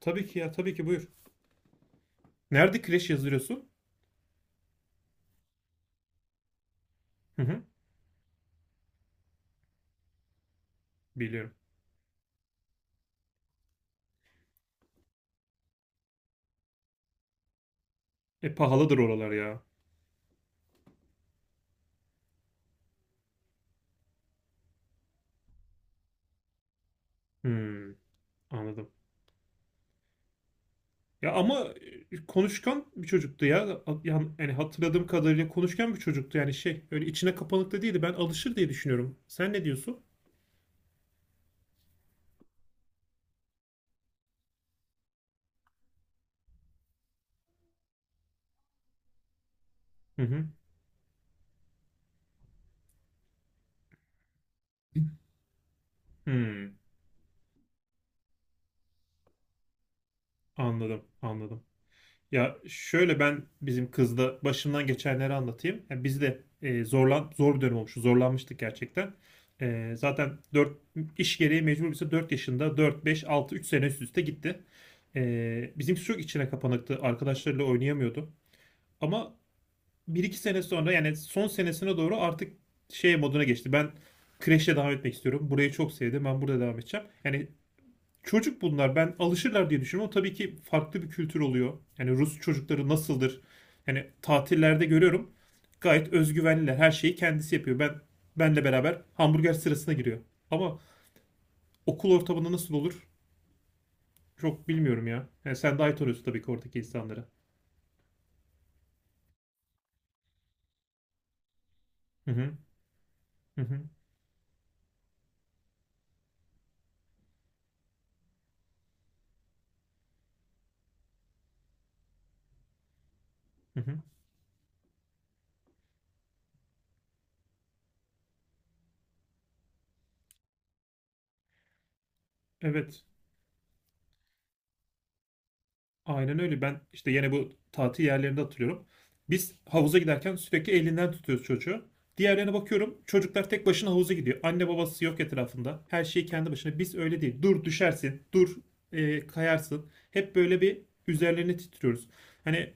Tabii ki ya, tabii ki buyur. Nerede kreş yazdırıyorsun? Hı hı, biliyorum. E pahalıdır oralar ya. Hmm, anladım. Ya ama konuşkan bir çocuktu ya. Yani hatırladığım kadarıyla konuşkan bir çocuktu. Yani şey, öyle içine kapanık da değildi. Ben alışır diye düşünüyorum. Sen ne diyorsun? Hı hı. Hmm, anladım. Ya şöyle, ben bizim kızla başımdan geçenleri anlatayım. Ya biz de zor bir dönem olmuştu. Zorlanmıştık gerçekten. Zaten 4 iş gereği mecbur, bize 4 yaşında 4 5 6, 3 sene üst üste gitti. Bizimki çok içine kapanıktı. Arkadaşlarıyla oynayamıyordu. Ama bir iki sene sonra, yani son senesine doğru artık şey moduna geçti. Ben kreşe devam etmek istiyorum. Burayı çok sevdim. Ben burada devam edeceğim. Yani çocuk bunlar. Ben alışırlar diye düşünüyorum. O tabii ki farklı bir kültür oluyor. Yani Rus çocukları nasıldır? Yani tatillerde görüyorum. Gayet özgüvenliler. Her şeyi kendisi yapıyor. Benle beraber hamburger sırasına giriyor. Ama okul ortamında nasıl olur? Çok bilmiyorum ya. Yani sen daha iyi tanıyorsun tabii ki oradaki insanları. Hı hı. Hı hı. Hı hı. Evet. Aynen öyle. Ben işte yine bu tatil yerlerinde hatırlıyorum. Biz havuza giderken sürekli elinden tutuyoruz çocuğu. Diğerlerine bakıyorum. Çocuklar tek başına havuza gidiyor. Anne babası yok etrafında. Her şey kendi başına. Biz öyle değil. Dur düşersin. Dur kayarsın. Hep böyle bir üzerlerine titriyoruz. Hani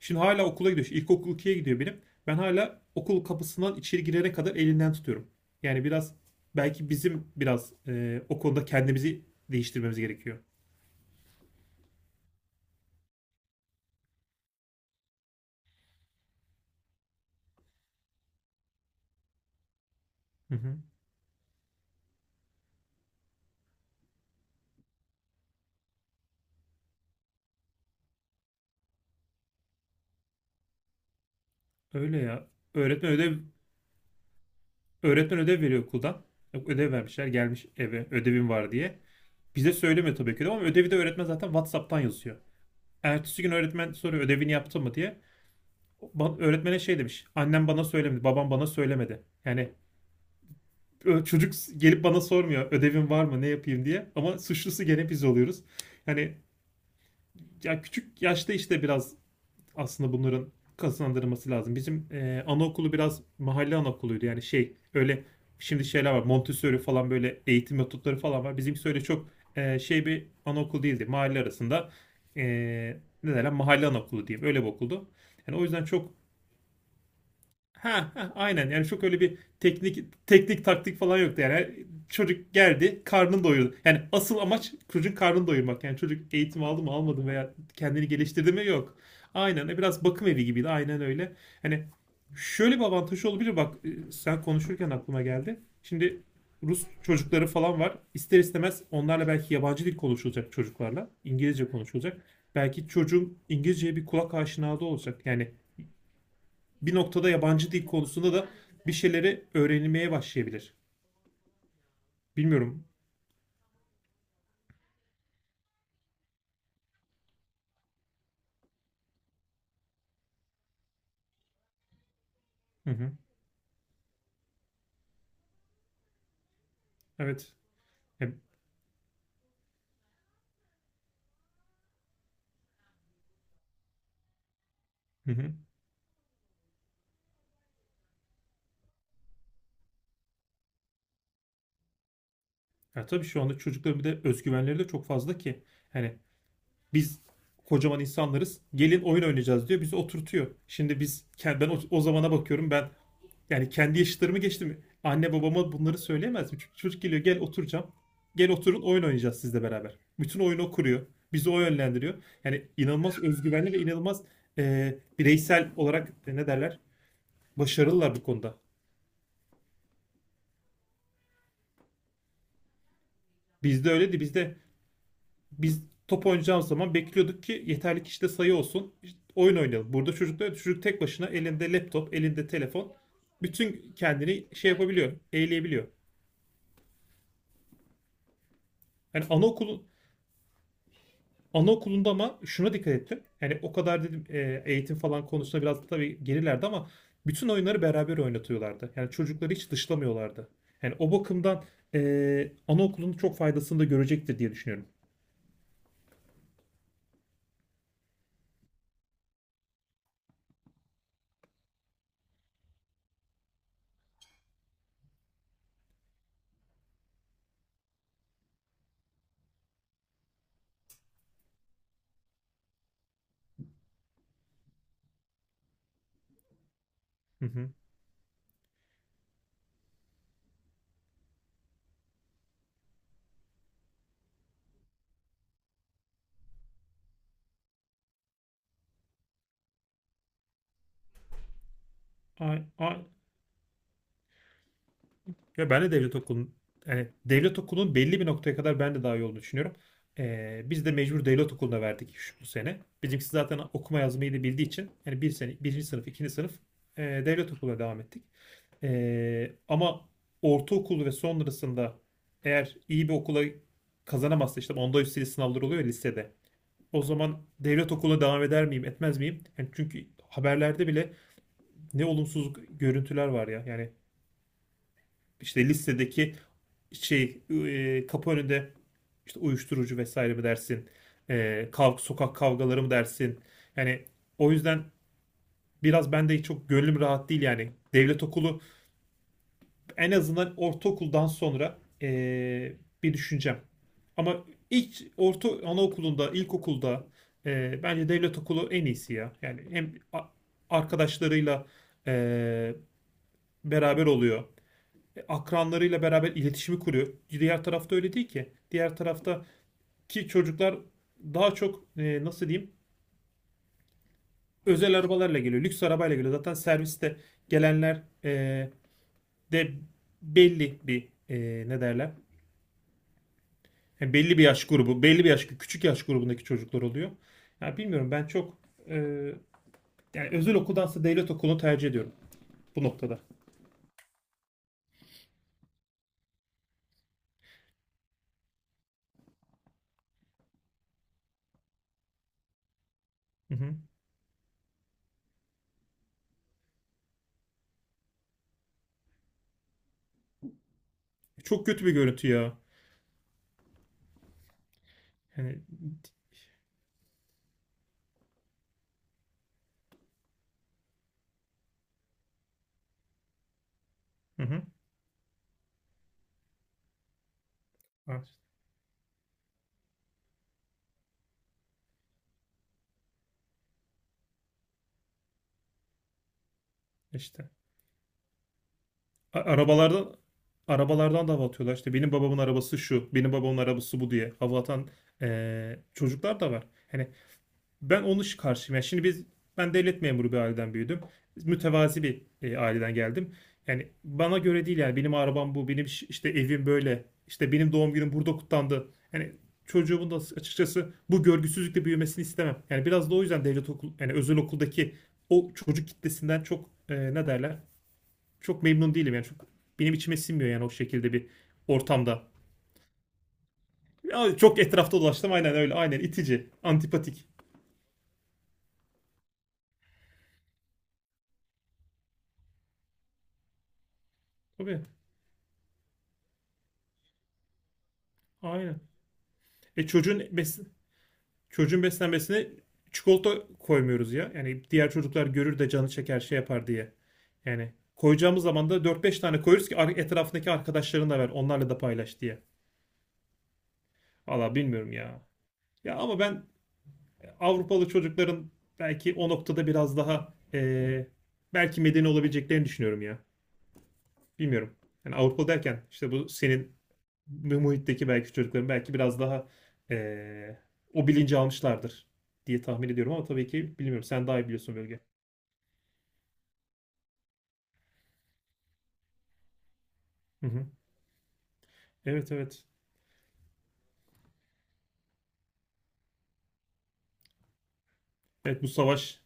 şimdi hala okula gidiyor. Şimdi İlkokul 2'ye gidiyor benim. Ben hala okul kapısından içeri girene kadar elinden tutuyorum. Yani biraz belki bizim biraz o konuda kendimizi değiştirmemiz gerekiyor. Hı hı. Öyle ya. Öğretmen ödev Öğretmen ödev veriyor okuldan. Ödev vermişler, gelmiş eve ödevim var diye. Bize söylemiyor tabii ki de, ama ödevi de öğretmen zaten WhatsApp'tan yazıyor. Ertesi gün öğretmen soruyor ödevini yaptın mı diye. Öğretmene şey demiş: annem bana söylemedi, babam bana söylemedi. Yani çocuk gelip bana sormuyor ödevin var mı, ne yapayım diye. Ama suçlusu gene biz oluyoruz. Yani ya küçük yaşta işte biraz aslında bunların kazandırılması lazım. Bizim anaokulu biraz mahalle anaokuluydu. Yani şey öyle, şimdi şeyler var. Montessori falan, böyle eğitim metotları falan var. Bizimki öyle çok şey bir anaokul değildi. Mahalle arasında, e, ne derler, mahalle anaokulu diyeyim. Öyle bir okuldu. Yani o yüzden çok ha, ha, aynen, yani çok öyle bir teknik taktik falan yoktu. Yani çocuk geldi, karnını doyurdu. Yani asıl amaç çocuğun karnını doyurmak. Yani çocuk eğitim aldı mı almadı mı, veya kendini geliştirdi mi, yok. Aynen, biraz bakım evi gibiydi, aynen öyle. Hani şöyle bir avantajı olabilir, bak, sen konuşurken aklıma geldi şimdi. Rus çocukları falan var, ister istemez onlarla belki yabancı dil konuşulacak, çocuklarla İngilizce konuşulacak. Belki çocuğun İngilizceye bir kulak aşinalığı olacak. Yani bir noktada yabancı dil konusunda da bir şeyleri öğrenilmeye başlayabilir. Bilmiyorum. Hı hı. Evet. E, Hı hı. Ya tabii şu anda çocukların bir de özgüvenleri de çok fazla ki. Hani biz kocaman insanlarız. Gelin oyun oynayacağız diyor. Bizi oturtuyor. Şimdi biz kend- ben o zamana bakıyorum. Ben, yani kendi yaşıtlarımı geçtim, anne babama bunları söyleyemez mi? Çünkü çocuk geliyor, gel oturacağım. Gel oturun oyun oynayacağız sizle beraber. Bütün oyunu o kuruyor. Bizi o yönlendiriyor. Yani inanılmaz özgüvenli ve inanılmaz bireysel olarak, ne derler, başarılılar bu konuda. Bizde öyleydi. Bizde biz top oynayacağımız zaman bekliyorduk ki yeterli kişide sayı olsun. İşte oyun oynayalım. Burada çocuklar, çocuk tek başına elinde laptop, elinde telefon, bütün kendini şey yapabiliyor, eğleyebiliyor. Yani anaokulu Anaokulunda ama şuna dikkat ettim. Yani o kadar dedim, eğitim falan konusunda biraz tabii gerilerdi ama bütün oyunları beraber oynatıyorlardı. Yani çocukları hiç dışlamıyorlardı. Yani o bakımdan anaokulunun çok faydasını da görecektir diye düşünüyorum. Hı hı. A- a- Ya ben de devlet okulun yani devlet okulunun belli bir noktaya kadar ben de daha iyi olduğunu düşünüyorum. Biz de mecbur devlet okuluna verdik bu sene. Bizimkisi zaten okuma yazmayı da bildiği için, yani bir sene, birinci sınıf, ikinci sınıf, devlet okuluna devam ettik. Ama ortaokul ve sonrasında eğer iyi bir okula kazanamazsa, işte onda üsteli sınavlar oluyor ya lisede. O zaman devlet okuluna devam eder miyim, etmez miyim? Yani çünkü haberlerde bile ne olumsuz görüntüler var ya. Yani işte listedeki şey kapı önünde, işte uyuşturucu vesaire mi dersin, E, kav sokak kavgaları mı dersin? Yani o yüzden biraz ben de çok gönlüm rahat değil yani. Devlet okulu en azından ortaokuldan sonra, bir düşüncem. Ama ilk orta anaokulunda, ilkokulda bence devlet okulu en iyisi ya. Yani hem arkadaşlarıyla e, beraber oluyor, akranlarıyla beraber iletişimi kuruyor. Diğer tarafta öyle değil ki. Diğer tarafta ki çocuklar daha çok, nasıl diyeyim, özel arabalarla geliyor. Lüks arabayla geliyor. Zaten serviste gelenler de belli bir, ne derler, yani belli bir yaş grubu, belli bir yaş küçük yaş grubundaki çocuklar oluyor. Yani bilmiyorum, ben çok e, yani özel okuldansa devlet okulunu tercih ediyorum bu noktada. Hı hı. Çok kötü bir görüntü ya. Yani hı hı. Ah, işte. A- Arabalardan Arabalardan da hava atıyorlar. İşte benim babamın arabası şu, benim babamın arabası bu diye hava atan çocuklar da var. Hani ben onun iş karşıyım. Yani şimdi biz, ben devlet memuru bir aileden büyüdüm. Mütevazi bir aileden geldim. Yani bana göre değil, yani benim arabam bu, benim işte evim böyle, işte benim doğum günüm burada kutlandı. Yani çocuğumun da açıkçası bu görgüsüzlükle büyümesini istemem. Yani biraz da o yüzden devlet okul yani özel okuldaki o çocuk kitlesinden çok, ne derler, çok memnun değilim yani. Çok benim içime sinmiyor yani o şekilde bir ortamda. Ya çok etrafta dolaştım, aynen öyle, aynen itici, antipatik. Tabii, aynen. E çocuğun bes Çocuğun beslenmesine çikolata koymuyoruz ya. Yani diğer çocuklar görür de canı çeker şey yapar diye. Yani koyacağımız zaman da dört beş tane koyuyoruz ki etrafındaki arkadaşlarına da ver, onlarla da paylaş diye. Valla bilmiyorum ya. Ya ama ben Avrupalı çocukların belki o noktada biraz daha belki medeni olabileceklerini düşünüyorum ya. Bilmiyorum. Yani Avrupalı derken işte bu senin muhitteki belki çocukların belki biraz daha eee, o bilinci almışlardır diye tahmin ediyorum, ama tabii ki bilmiyorum. Sen daha iyi biliyorsun bölge. Hı hı. Evet evet. Evet bu savaş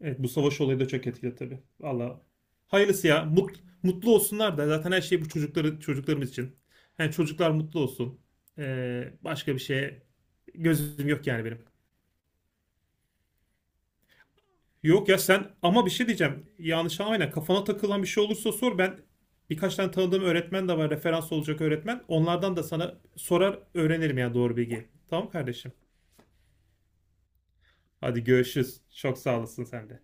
evet, bu savaş olayı da çok etkili tabii. Valla hayırlısı ya. Mutlu olsunlar da, zaten her şey bu çocuklarımız için. Yani çocuklar mutlu olsun. Başka bir şeye gözüm yok yani benim. Yok ya, sen, ama bir şey diyeceğim, yanlış anlamayın, kafana takılan bir şey olursa sor. Ben birkaç tane tanıdığım öğretmen de var. Referans olacak öğretmen. Onlardan da sana sorar öğrenirim ya, doğru bilgi. Tamam kardeşim. Hadi görüşürüz. Çok sağ olasın sen de.